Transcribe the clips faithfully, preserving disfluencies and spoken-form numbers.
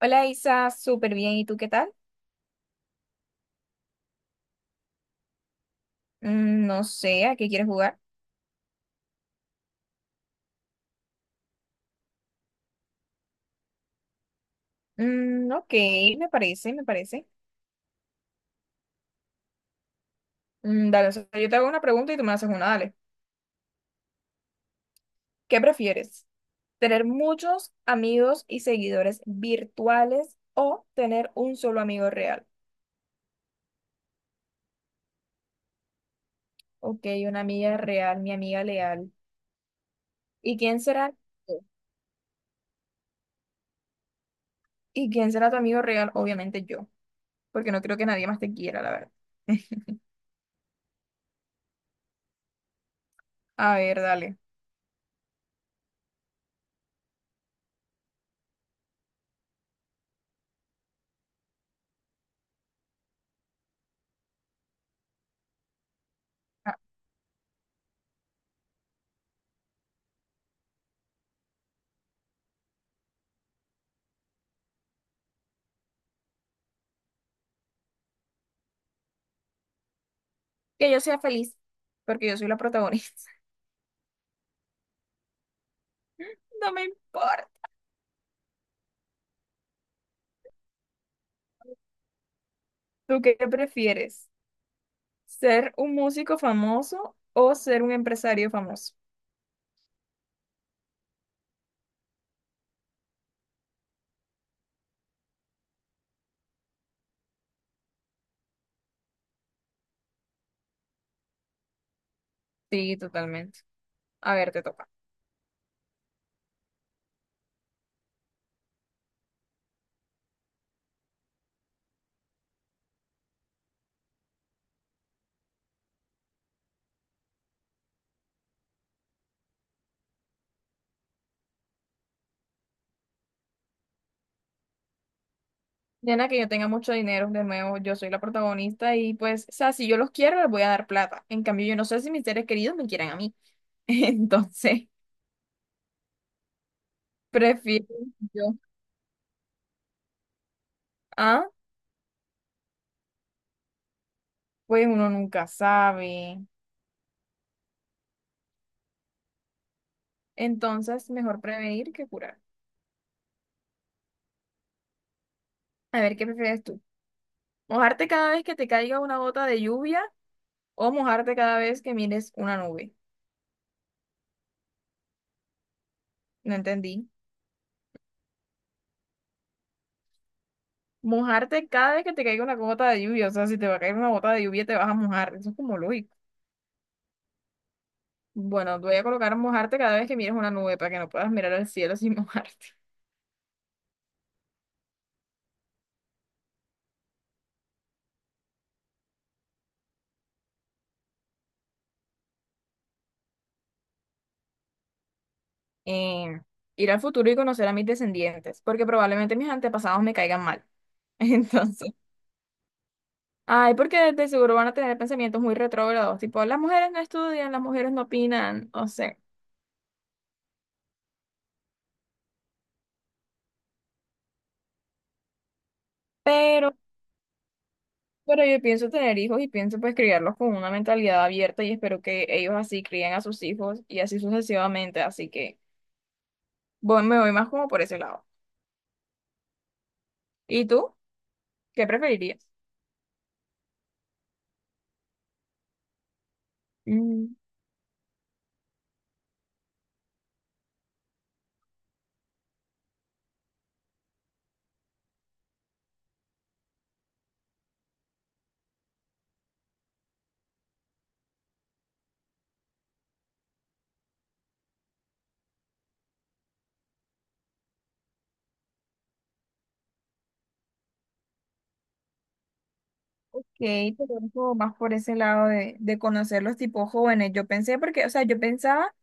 Hola Isa, súper bien. ¿Y tú qué tal? Mm, no sé, ¿a qué quieres jugar? Mm, ok, me parece, me parece. Mm, dale, o sea, yo te hago una pregunta y tú me haces una, dale. ¿Qué prefieres? ¿Tener muchos amigos y seguidores virtuales o tener un solo amigo real? Ok, una amiga real, mi amiga leal. ¿Y quién será? ¿Y quién será tu amigo real? Obviamente yo, porque no creo que nadie más te quiera, la verdad. A ver, dale. Ah, que yo sea feliz, porque yo soy la protagonista. No me importa. ¿Tú qué prefieres? ¿Ser un músico famoso o ser un empresario famoso? Sí, totalmente. A ver, te toca. Diana, que yo tenga mucho dinero, de nuevo, yo soy la protagonista y pues, o sea, si yo los quiero, les voy a dar plata. En cambio, yo no sé si mis seres queridos me quieran a mí. Entonces, prefiero yo. Ah, pues uno nunca sabe. Entonces, mejor prevenir que curar. A ver, ¿qué prefieres tú? ¿Mojarte cada vez que te caiga una gota de lluvia o mojarte cada vez que mires una nube? No entendí. Mojarte cada vez que te caiga una gota de lluvia. O sea, si te va a caer una gota de lluvia, te vas a mojar. Eso es como lógico. Bueno, te voy a colocar mojarte cada vez que mires una nube para que no puedas mirar al cielo sin mojarte. Eh, Ir al futuro y conocer a mis descendientes, porque probablemente mis antepasados me caigan mal. Entonces, ay, porque de seguro van a tener pensamientos muy retrógrados, tipo, las mujeres no estudian, las mujeres no opinan, o sea. Pero Pero yo pienso tener hijos y pienso pues criarlos con una mentalidad abierta y espero que ellos así críen a sus hijos y así sucesivamente. Así que voy- me voy más como por ese lado. ¿Y tú? ¿Qué preferirías? Mm, ok, te voy como más por ese lado de, de conocer los tipos jóvenes. Yo pensé porque, o sea, yo pensaba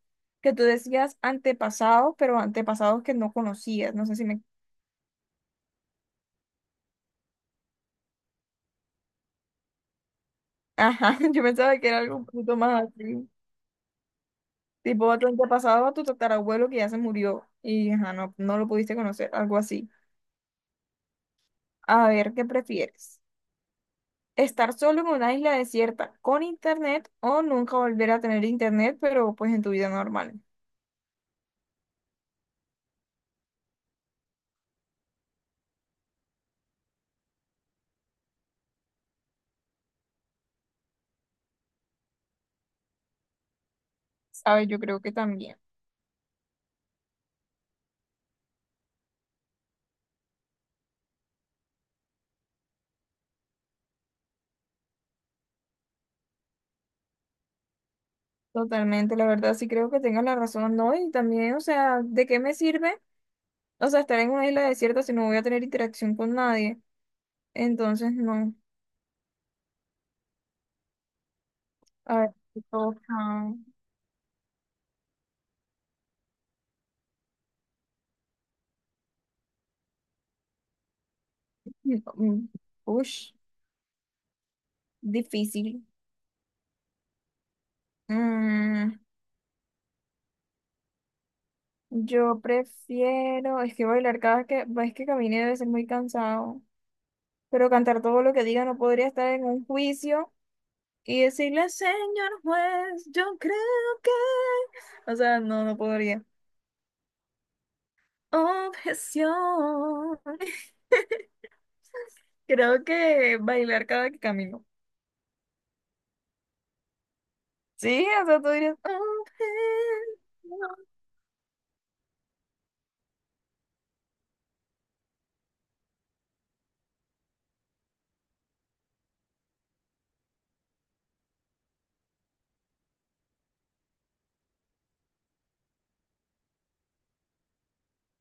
que tú decías antepasados, pero antepasados que no conocías. No sé si me... Ajá, yo pensaba que era algo un poquito más así. Tipo, a tu antepasado, a tu tatarabuelo que ya se murió y ajá, no, no lo pudiste conocer, algo así. A ver, ¿qué prefieres? ¿Estar solo en una isla desierta con internet o nunca volver a tener internet, pero pues en tu vida normal? ¿Sabes? Yo creo que también. Totalmente, la verdad sí creo que tengas la razón, ¿no? Y también, o sea, ¿de qué me sirve? O sea, estar en una isla desierta si no voy a tener interacción con nadie. Entonces, no. A ver, ¿qué toca? Mm, ush, difícil. Mm, yo prefiero, es que bailar cada que, es que camine debe ser muy cansado. Pero cantar todo lo que diga no podría estar en un juicio y decirle, señor juez, yo creo que... O sea, no, no podría. Objeción. Creo que bailar cada que camino. Sí, o sea, tú dirías, objeción.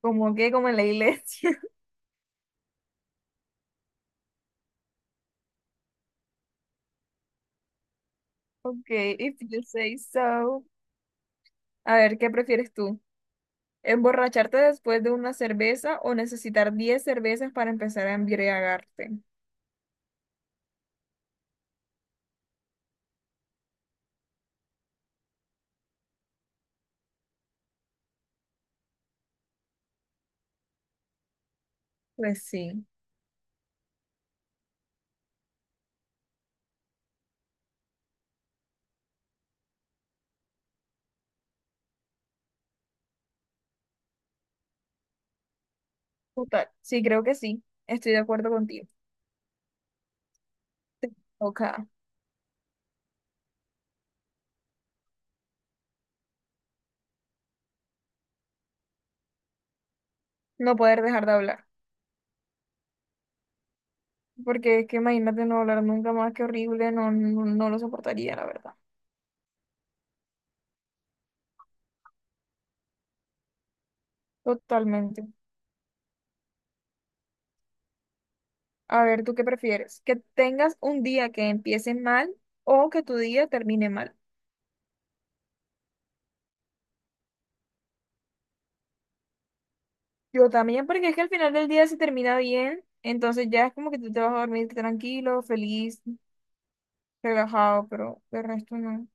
Como que, como en la iglesia. Ok, if you say so. A ver, ¿qué prefieres tú? ¿Emborracharte después de una cerveza o necesitar diez cervezas para empezar a embriagarte? Pues sí. Total, sí, creo que sí. Estoy de acuerdo contigo. Ok. No poder dejar de hablar. Porque es que imagínate no hablar nunca más, qué horrible, no, no, no lo soportaría, la verdad. Totalmente. A ver, ¿tú qué prefieres? ¿Que tengas un día que empiece mal o que tu día termine mal? Yo también, porque es que al final del día se termina bien, entonces ya es como que tú te vas a dormir tranquilo, feliz, relajado, pero de resto no.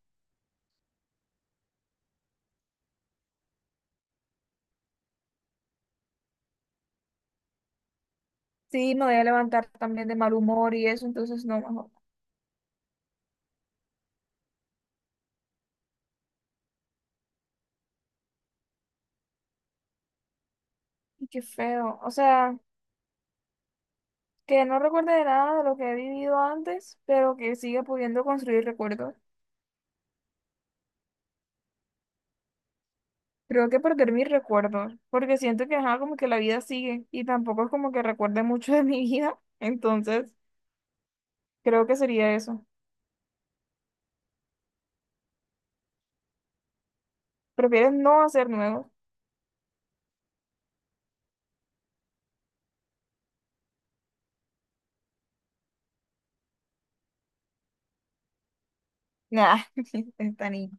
Sí, me voy a levantar también de mal humor y eso, entonces no, mejor. Y qué feo. O sea, que no recuerde de nada de lo que he vivido antes, pero que siga pudiendo construir recuerdos. Creo que perder mis recuerdos, porque siento que ajá, como que la vida sigue y tampoco es como que recuerde mucho de mi vida, entonces creo que sería eso. ¿Prefieres no hacer nuevos? Nah, está niña.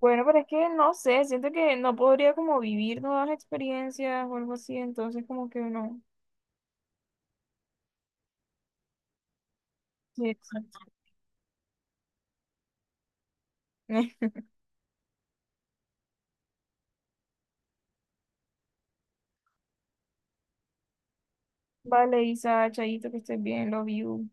Bueno, pero es que no sé, siento que no podría como vivir nuevas experiencias o algo así, entonces como que no. Sí, exacto. Vale, Isa, Chayito, que estés bien, love you.